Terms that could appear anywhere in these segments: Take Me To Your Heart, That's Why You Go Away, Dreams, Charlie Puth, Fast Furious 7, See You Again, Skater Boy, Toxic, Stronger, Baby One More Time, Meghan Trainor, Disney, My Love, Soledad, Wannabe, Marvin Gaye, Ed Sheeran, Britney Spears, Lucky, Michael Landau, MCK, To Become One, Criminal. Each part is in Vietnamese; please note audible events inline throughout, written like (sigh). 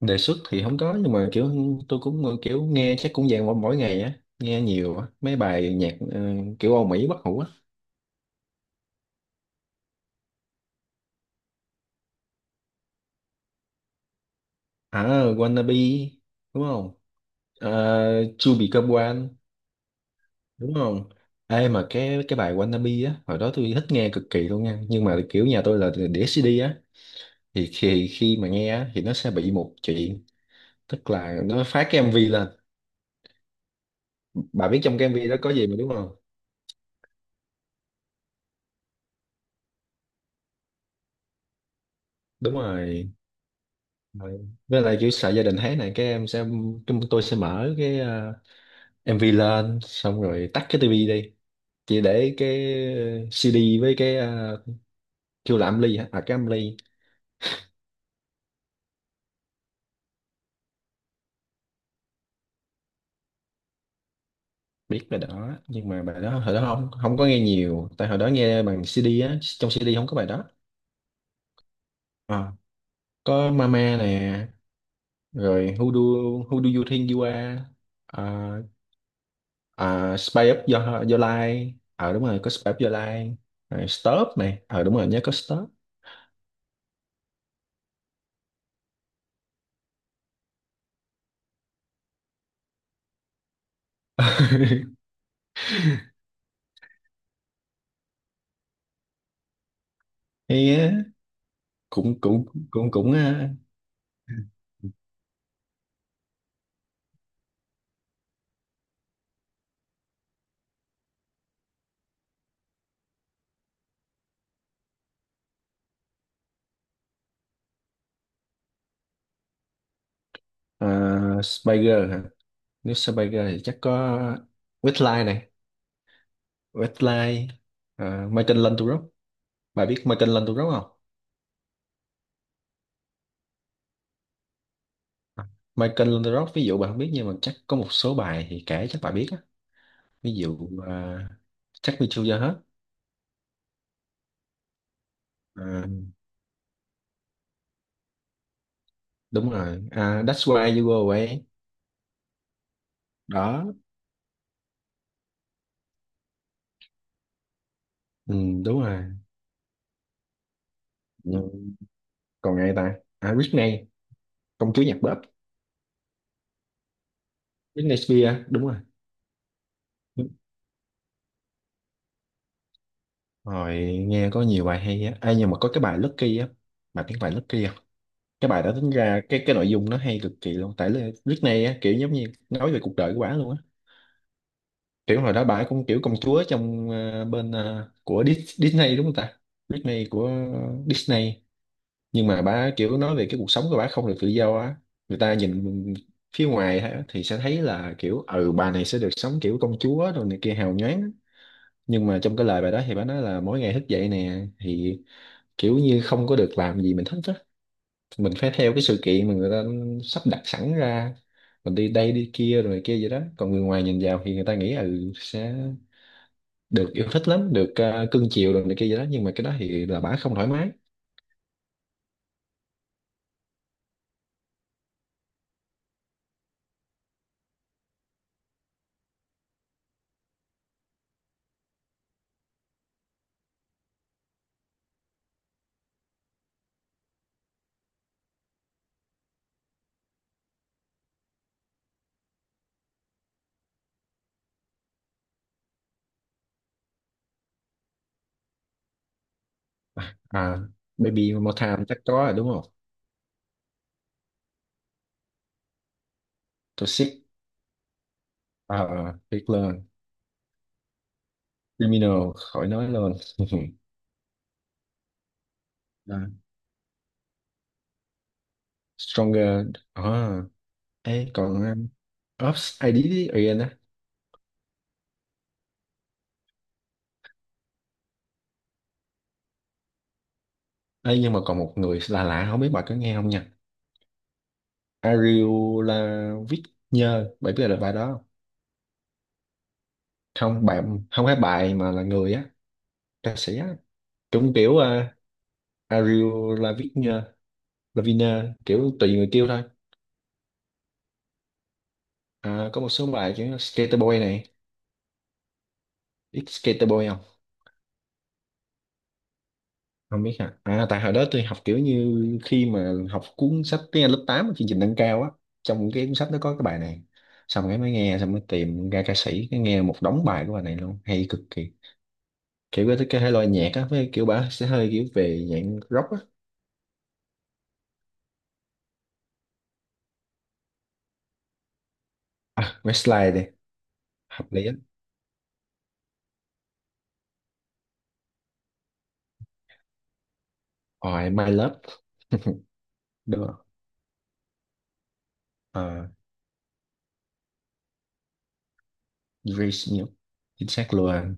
Đề xuất thì không có nhưng mà kiểu tôi cũng kiểu nghe chắc cũng dạng mỗi mỗi ngày á nghe nhiều á mấy bài nhạc kiểu Âu Mỹ bất hủ á. À, Wannabe đúng không? To Become One đúng không? Ê, mà cái bài Wannabe á hồi đó tôi thích nghe cực kỳ luôn nha, nhưng mà kiểu nhà tôi là đĩa CD á thì khi khi mà nghe á thì nó sẽ bị một chuyện, tức là nó phát cái MV lên. Bà biết trong cái MV đó có gì mà đúng không? Đúng rồi. Rồi. Với lại kiểu sợ gia đình thấy này cái em sẽ chúng tôi sẽ mở cái MV lên xong rồi tắt cái tivi đi, chỉ để cái CD với cái kêu là âm ly hả, à, cái âm ly. Biết bài đó nhưng mà bài đó hồi đó không không có nghe nhiều, tại hồi đó nghe bằng CD á, trong CD không có bài đó. Ờ. Có Mama nè, rồi Who Do, Who Do You Think You Are. Ờ, à, Spy Up Your, Your Life ờ đúng rồi, có Spy Up Your Life, rồi Stop này, ờ đúng rồi nhớ có Stop. Cũng cũng cũng cũng ờ, ờ, Spiger hả? Nếu Spiger thì chắc có Westlife này, Westlife, Michael Landau. Bà biết Michael Landau không? À, Michael Landau ví dụ bà không biết nhưng mà chắc có một số bài thì kể chắc bà biết á. Ví dụ ờ, Take Me To Your Heart. Ờ, đúng rồi, à, That's Why You Go Away. Đó, ừ, đúng rồi. Ừ. Còn ai ta? À, Britney, công chúa nhạc pop. Britney Spears đúng rồi. Rồi, nghe có nhiều bài hay á. Ê, nhưng mà có cái bài Lucky á, bài tiếng bài Lucky không? Cái bài đó tính ra cái nội dung nó hay cực kỳ luôn. Tại là lúc này á, kiểu giống như nói về cuộc đời của bả luôn á. Kiểu hồi đó bả cũng kiểu công chúa trong bên của Disney đúng không ta? Disney của Disney. Nhưng mà bả kiểu nói về cái cuộc sống của bả không được tự do á. Người ta nhìn phía ngoài á, thì sẽ thấy là kiểu ừ bà này sẽ được sống kiểu công chúa rồi này kia hào nhoáng á. Nhưng mà trong cái lời bài đó thì bả nói là mỗi ngày thức dậy nè thì kiểu như không có được làm gì mình thích á, mình phải theo cái sự kiện mà người ta sắp đặt sẵn ra, mình đi đây đi kia rồi kia vậy đó, còn người ngoài nhìn vào thì người ta nghĩ ừ sẽ được yêu thích lắm, được cưng chiều rồi này kia vậy đó, nhưng mà cái đó thì là bả không thoải mái. À, Baby One More Time chắc có rồi đúng không? Toxic, à, Big Love, Criminal, khỏi nói luôn. (laughs) Đó. Stronger, à, ê còn Ops ID á. Ê, nhưng mà còn một người là lạ lạ, không biết bà có nghe không nha? Ariel, là, viết, nhơ bạn biết là bài đó không? Không, bạn, không phải bài mà là người á, ca sĩ á, cũng kiểu à, Ariel là Lavigne kiểu tùy người kêu thôi. À, có một số bài kiểu Skater Boy này, biết Skater Boy không? Không biết hả? À, tại hồi đó tôi học kiểu như khi mà học cuốn sách tiếng Anh lớp 8 ở chương trình nâng cao á, trong cái cuốn sách nó có cái bài này, xong cái mới nghe xong mới tìm ra ca sĩ, cái nghe một đống bài của bài này luôn hay cực kỳ. Kiểu cái thể loại nhạc á với kiểu bà sẽ hơi kiểu về dạng rock á. À, Westlife đi, hợp lý á. Ôi, My Love đúng không? Ờ, Dreams nhiều, chính xác luôn.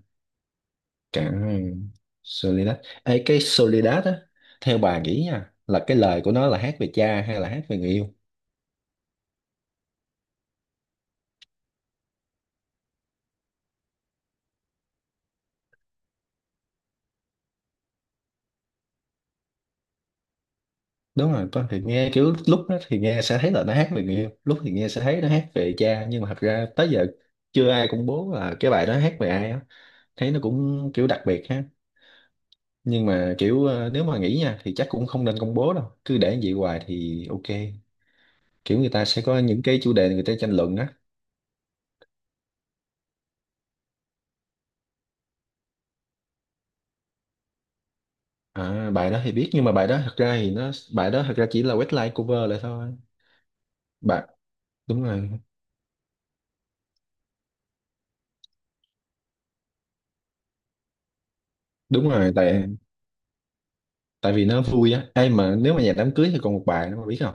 Cả ừ, Soledad. Ê, cái Soledad á, theo bà nghĩ nha là cái lời của nó là hát về cha hay là hát về người yêu? Đúng rồi, con thì nghe kiểu lúc đó thì nghe sẽ thấy là nó hát về người yêu, lúc thì nghe sẽ thấy nó hát về cha, nhưng mà thật ra tới giờ chưa ai công bố là cái bài đó hát về ai á. Thấy nó cũng kiểu đặc biệt ha. Nhưng mà kiểu nếu mà nghĩ nha thì chắc cũng không nên công bố đâu, cứ để như vậy hoài thì ok, kiểu người ta sẽ có những cái chủ đề người ta tranh luận á. À, bài đó thì biết nhưng mà bài đó thật ra chỉ là webline cover lại thôi. Bạn đúng rồi, đúng rồi, tại tại vì nó vui á, ai mà nếu mà nhà đám cưới thì còn một bài nữa mà biết không?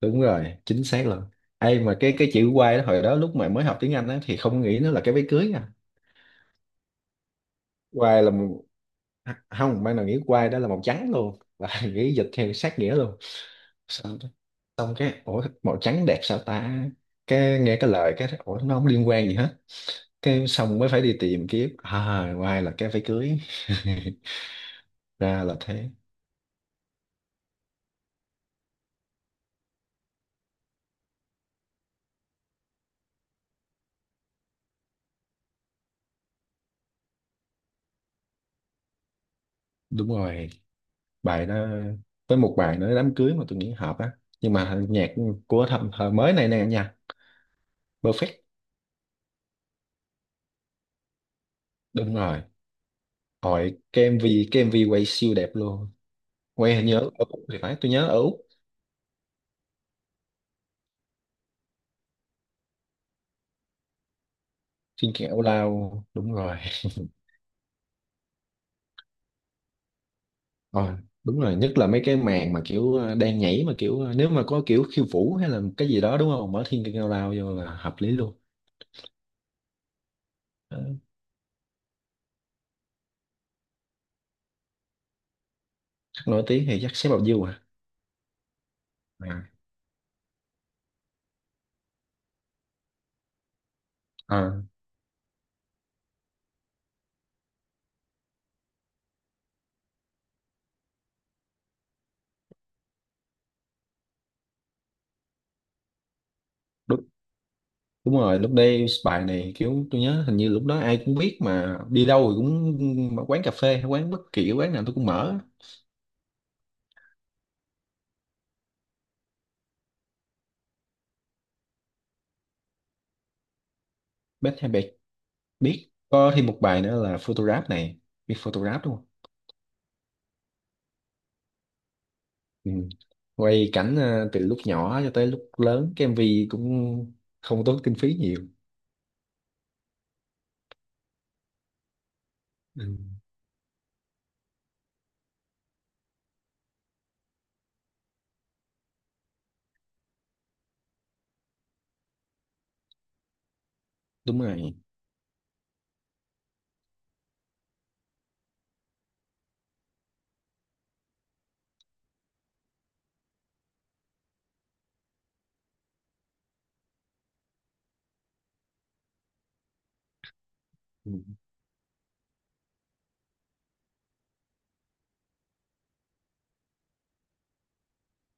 Đúng rồi, chính xác luôn. Ai mà cái chữ quay đó hồi đó lúc mà mới học tiếng Anh á thì không nghĩ nó là cái váy cưới à? Quay là một-, không, ban đầu nghĩ quay đó là màu trắng luôn và (laughs) nghĩ dịch theo sát nghĩa luôn, xong xong cái ủa màu trắng đẹp sao ta? Cái nghe cái lời cái ủa nó không liên quan gì hết, cái xong mới phải đi tìm kiếm à ngoài là cái váy cưới. (laughs) Ra là thế. Đúng rồi, bài đó với một bài nữa đám cưới mà tôi nghĩ hợp á, nhưng mà nhạc của thầm thời mới này nè nha, Perfect. Đúng rồi, hồi cái MV, cái MV quay siêu đẹp luôn, quay hình như ở Úc thì phải, tôi nhớ ở Úc. Trên kẹo lao đúng rồi. Ờ, đúng rồi nhất là mấy cái màn mà kiểu đang nhảy mà kiểu nếu mà có kiểu khiêu vũ hay là cái gì đó đúng không, mở thiên cao lao vô là hợp lý luôn. Ờ, chắc nổi tiếng thì chắc xếp vào view à. À, à, đúng, đúng rồi lúc đây bài này kiểu tôi nhớ hình như lúc đó ai cũng biết mà đi đâu rồi cũng, mà quán cà phê hay quán bất kỳ quán nào tôi cũng mở. Biết, hay biết, biết có thêm một bài nữa là photograph này, biết photograph đúng không? Ừ. Quay cảnh từ lúc nhỏ cho tới lúc lớn cái MV, cũng không tốn kinh phí nhiều. Ừ. Đúng rồi. Ừ,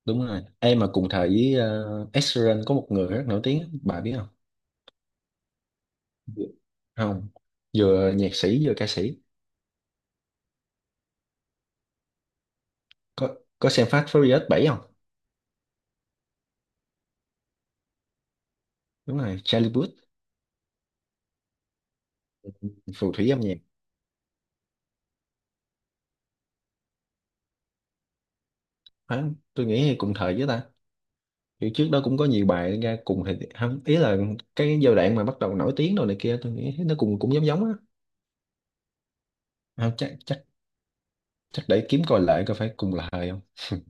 đúng rồi em mà cùng thời với Ed Sheeran có một người rất nổi tiếng bà biết không? Dạ. Không, vừa nhạc sĩ vừa ca sĩ. có có xem Fast Furious 7 không? Đúng rồi, Charlie Puth, phù thủy âm nhạc. Phải, tôi nghĩ cùng thời với ta, kiểu trước đó cũng có nhiều bài ra cùng thời không ý là cái giai đoạn mà bắt đầu nổi tiếng rồi này kia tôi nghĩ nó cùng cũng giống giống á. Không, chắc chắc chắc để kiếm coi lại coi phải cùng là thời không. (laughs)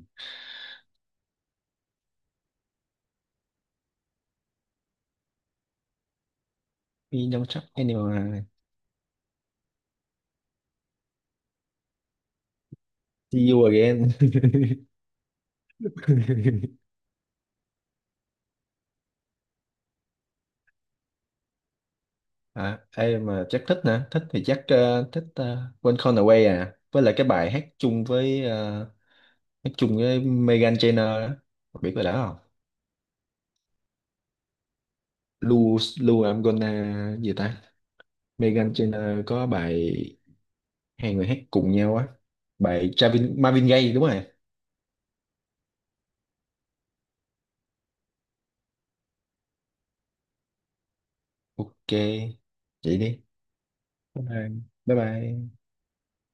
We don't trust anyone. See you again. (laughs) À, ai mà chắc thích nè, thích thì chắc thích When Gone Away, à, với lại cái bài hát chung với hát chung với Meghan Trainor đó. Không biết bài đó không? Lu Lu I'm gonna gì ta? Meghan Trainor có bài hai người hát cùng nhau á, bài Travin, Marvin Gaye đúng rồi. Ok, vậy đi. Bye bye. Bye bye.